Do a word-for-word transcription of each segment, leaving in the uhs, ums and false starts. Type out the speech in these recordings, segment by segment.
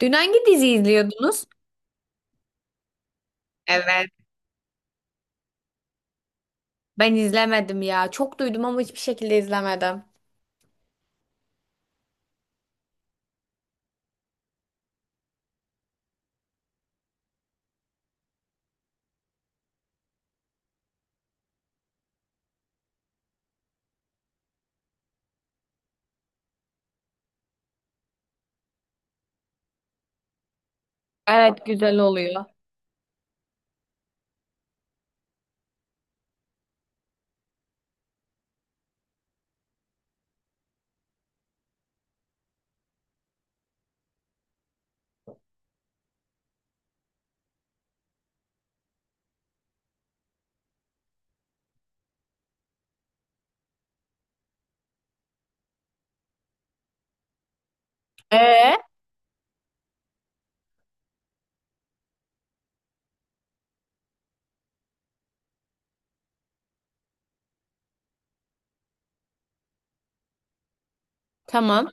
Dün hangi dizi izliyordunuz? Evet. Ben izlemedim ya. Çok duydum ama hiçbir şekilde izlemedim. Evet güzel oluyor. Ee, tamam.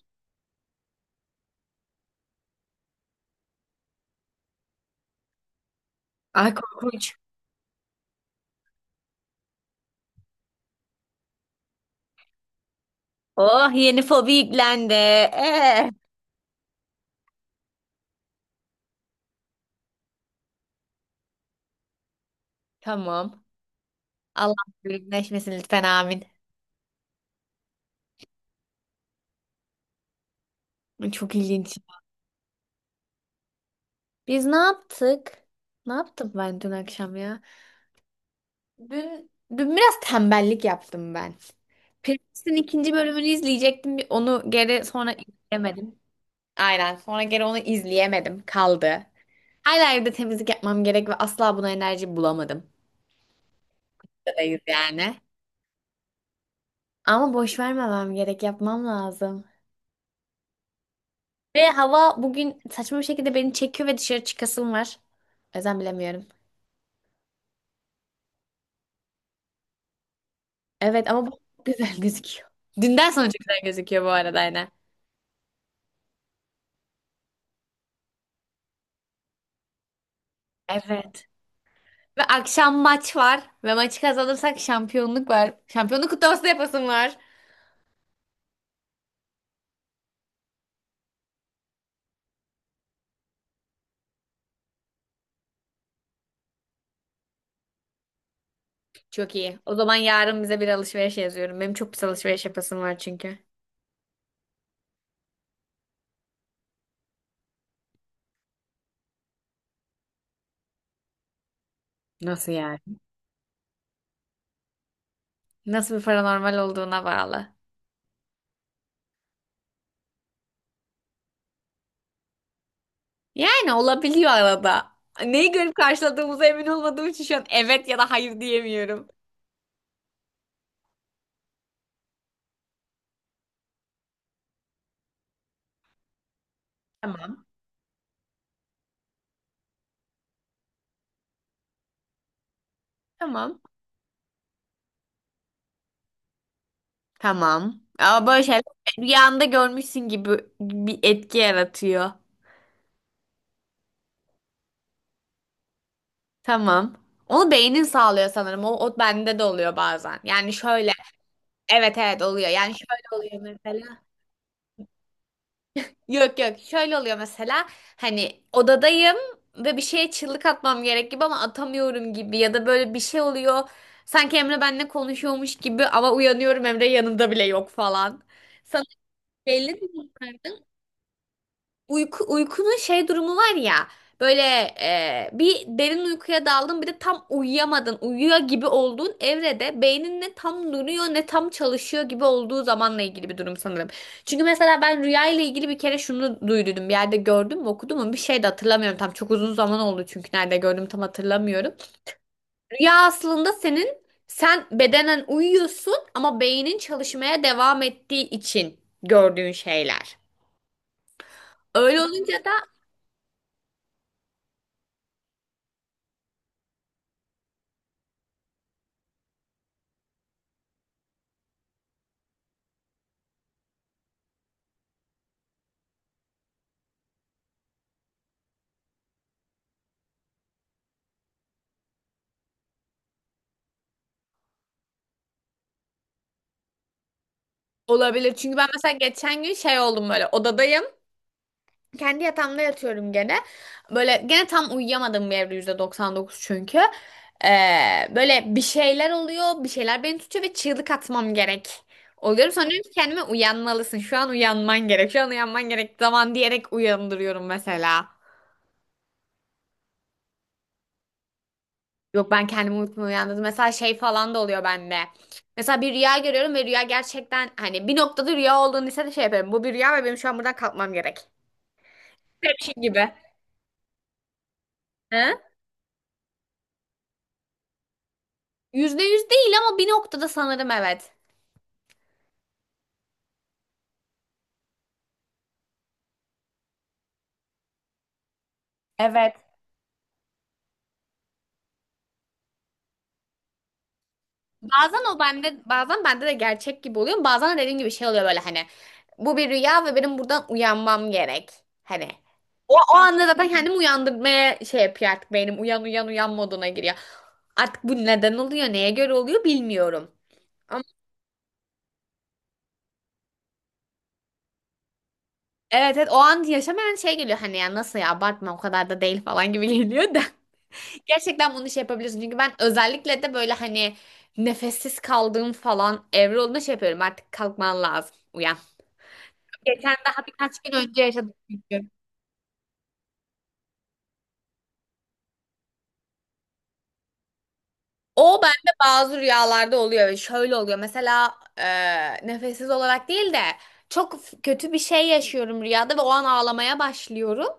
Ay korkunç. Oh, yeni fobi yüklendi. Ee, tamam. Allah birleşmesin lütfen amin. Çok ilginç. Biz ne yaptık? Ne yaptım ben dün akşam ya? Dün dün biraz tembellik yaptım ben. Prens'in ikinci bölümünü izleyecektim. Onu geri sonra izleyemedim. Aynen. Sonra geri onu izleyemedim. Kaldı. Hala evde temizlik yapmam gerek ve asla buna enerji bulamadım. Buradayız yani. Ama boş vermemem gerek. Yapmam lazım. Ve hava bugün saçma bir şekilde beni çekiyor ve dışarı çıkasım var. O yüzden bilemiyorum. Evet ama bu çok güzel gözüküyor. Dünden sonra çok güzel gözüküyor bu arada yine. Evet. Ve akşam maç var. Ve maçı kazanırsak şampiyonluk var. Şampiyonluk kutlaması da yapasım var. Çok iyi. O zaman yarın bize bir alışveriş yazıyorum. Benim çok pis alışveriş yapasım var çünkü. Nasıl yani? Nasıl bir paranormal olduğuna bağlı. Yani olabiliyor arada. Neyi görüp karşıladığımıza emin olmadığım için şu an evet ya da hayır diyemiyorum. Tamam. Tamam. Tamam. Ama böyle şeyler rüyanda görmüşsün gibi bir etki yaratıyor. Tamam. Onu beynin sağlıyor sanırım. O, o bende de oluyor bazen. Yani şöyle. Evet evet oluyor. Yani şöyle oluyor mesela. Yok yok şöyle oluyor mesela hani odadayım ve bir şeye çığlık atmam gerek gibi ama atamıyorum gibi ya da böyle bir şey oluyor sanki Emre benimle konuşuyormuş gibi ama uyanıyorum Emre yanımda bile yok falan. Sana belli mi bunlar? Uyku, uykunun şey durumu var ya böyle e, bir derin uykuya daldın bir de tam uyuyamadın uyuyor gibi olduğun evrede beynin ne tam duruyor ne tam çalışıyor gibi olduğu zamanla ilgili bir durum sanırım. Çünkü mesela ben rüya ile ilgili bir kere şunu duydum bir yerde gördüm mü okudum mu bir şey de hatırlamıyorum tam çok uzun zaman oldu çünkü nerede gördüm tam hatırlamıyorum. Rüya aslında senin sen bedenen uyuyorsun ama beynin çalışmaya devam ettiği için gördüğün şeyler. Öyle olunca. Olabilir. Çünkü ben mesela geçen gün şey oldum böyle odadayım. Kendi yatağımda yatıyorum gene. Böyle gene tam uyuyamadım bir evde yüzde doksan dokuz çünkü. Ee, böyle bir şeyler oluyor. Bir şeyler beni tutuyor ve çığlık atmam gerek. Oluyorum. Sonra diyorum ki kendime uyanmalısın. Şu an uyanman gerek. Şu an uyanman gerek zaman diyerek uyandırıyorum mesela. Yok ben kendimi unutma uyandırdım. Mesela şey falan da oluyor bende. Mesela bir rüya görüyorum ve rüya gerçekten hani bir noktada rüya olduğunu ise de şey yapıyorum. Bu bir rüya ve benim şu an buradan kalkmam gerek. Şey gibi. He? Yüzde yüz değil ama bir noktada sanırım evet. Evet. Bazen o bende, bazen bende de gerçek gibi oluyor. Bazen de dediğim gibi şey oluyor böyle hani. Bu bir rüya ve benim buradan uyanmam gerek. Hani. O, o anda zaten kendimi uyandırmaya şey yapıyor artık beynim. Uyan uyan uyan moduna giriyor. Artık bu neden oluyor, neye göre oluyor bilmiyorum. Ama evet evet o an yaşamayan şey geliyor hani ya nasıl ya abartma o kadar da değil falan gibi geliyor da. Gerçekten bunu şey yapabilirsin. Çünkü ben özellikle de böyle hani nefessiz kaldığım falan evre olduğunda şey yapıyorum. Artık kalkman lazım. Uyan. Geçen daha birkaç gün önce yaşadım çünkü. O bende bazı rüyalarda oluyor ve şöyle oluyor. Mesela e, nefessiz olarak değil de çok f- kötü bir şey yaşıyorum rüyada ve o an ağlamaya başlıyorum.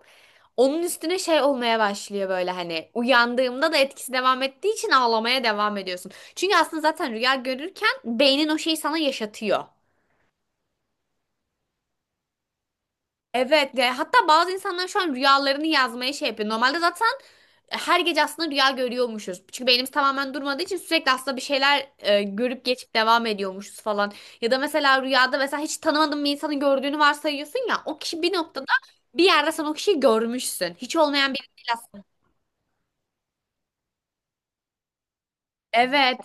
Onun üstüne şey olmaya başlıyor böyle hani uyandığımda da etkisi devam ettiği için ağlamaya devam ediyorsun. Çünkü aslında zaten rüya görürken beynin o şeyi sana yaşatıyor. Evet, e, hatta bazı insanlar şu an rüyalarını yazmaya şey yapıyor. Normalde zaten her gece aslında rüya görüyormuşuz. Çünkü beynimiz tamamen durmadığı için sürekli aslında bir şeyler e, görüp geçip devam ediyormuşuz falan. Ya da mesela rüyada mesela hiç tanımadığın bir insanın gördüğünü varsayıyorsun ya o kişi bir noktada bir yerde sen o kişiyi görmüşsün. Hiç olmayan biri değil aslında. Evet.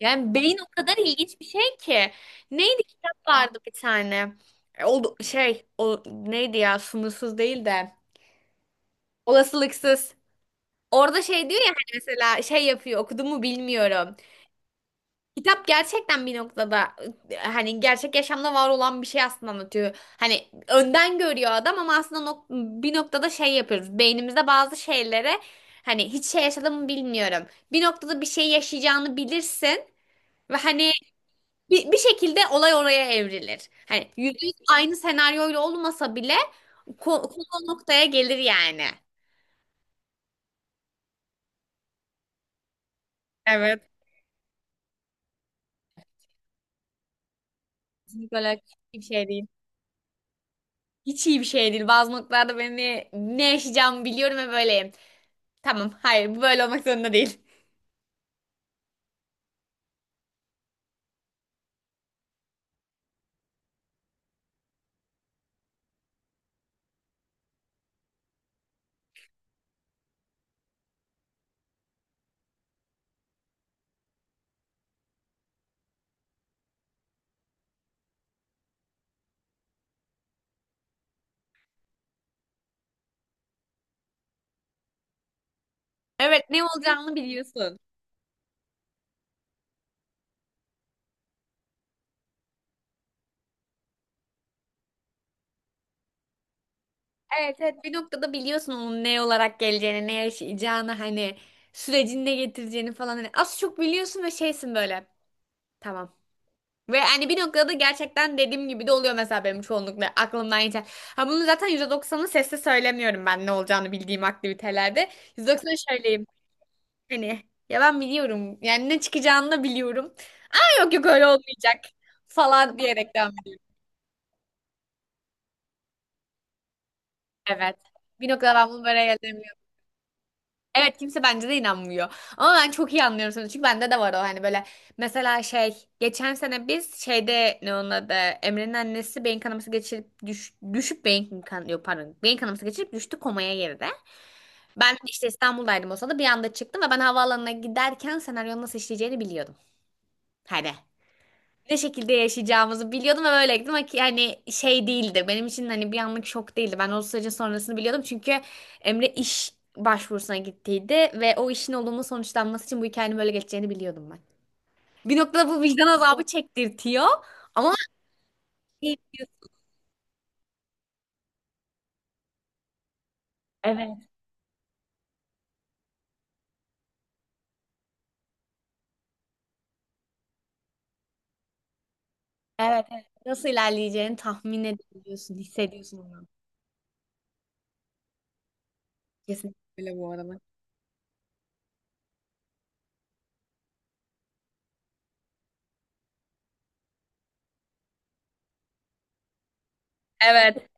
Yani beyin o kadar ilginç bir şey ki. Neydi kitap vardı bir tane. E, O şey o neydi ya sınırsız değil de olasılıksız. Orada şey diyor ya hani mesela şey yapıyor okudum mu bilmiyorum. Kitap gerçekten bir noktada e, hani gerçek yaşamda var olan bir şey aslında anlatıyor. Hani önden görüyor adam ama aslında nok- bir noktada şey yapıyoruz. Beynimizde bazı şeylere hani hiç şey yaşadım mı bilmiyorum. Bir noktada bir şey yaşayacağını bilirsin ve hani bir, bir şekilde olay oraya evrilir. Hani yüzde yüz aynı senaryoyla olmasa bile ko- konu o noktaya gelir yani. Evet. Kesinlikle öyle bir şey değil. Hiç iyi bir şey değil. Bazı noktalarda beni ne ne yaşayacağımı biliyorum ve böyleyim. Tamam, hayır bu böyle olmak zorunda değil. Evet ne olacağını biliyorsun. Evet evet bir noktada biliyorsun onun ne olarak geleceğini, ne yaşayacağını hani sürecini ne getireceğini falan hani az çok biliyorsun ve şeysin böyle. Tamam. Ve hani bir noktada gerçekten dediğim gibi de oluyor mesela benim çoğunlukla aklımdan geçen. Ha bunu zaten yüzde doksanı sesle söylemiyorum ben ne olacağını bildiğim aktivitelerde. yüzde doksanı söyleyeyim. Hani ya ben biliyorum. Yani ne çıkacağını da biliyorum. Yok yok öyle olmayacak falan diyerek devam. Evet. Bir noktada ben bunu böyle gelemiyorum. Evet kimse bence de inanmıyor. Ama ben çok iyi anlıyorum seni. Çünkü bende de var o hani böyle. Mesela şey geçen sene biz şeyde ne onun adı Emre'nin annesi beyin kanaması geçirip düş, düşüp beyin kan yok pardon beyin kanaması geçirip düştü komaya girdi. Ben işte İstanbul'daydım o sırada bir anda çıktım ve ben havaalanına giderken senaryonun nasıl işleyeceğini biliyordum. Hadi. Ne şekilde yaşayacağımızı biliyordum ve böyle gittim ama ki hani şey değildi. Benim için hani bir anlık şok değildi. Ben o sürecin sonrasını biliyordum çünkü Emre iş başvurusuna gittiydi ve o işin olumlu sonuçlanması için bu hikayenin böyle geçeceğini biliyordum ben. Bir noktada bu vicdan azabı çektirtiyor ama. Evet, evet, evet. Nasıl ilerleyeceğini tahmin edebiliyorsun, hissediyorsun onu. Kesinlikle öyle bu arada. Evet.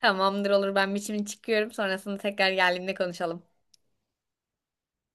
Tamamdır olur ben biçimini çıkıyorum. Sonrasında tekrar geldiğimde konuşalım.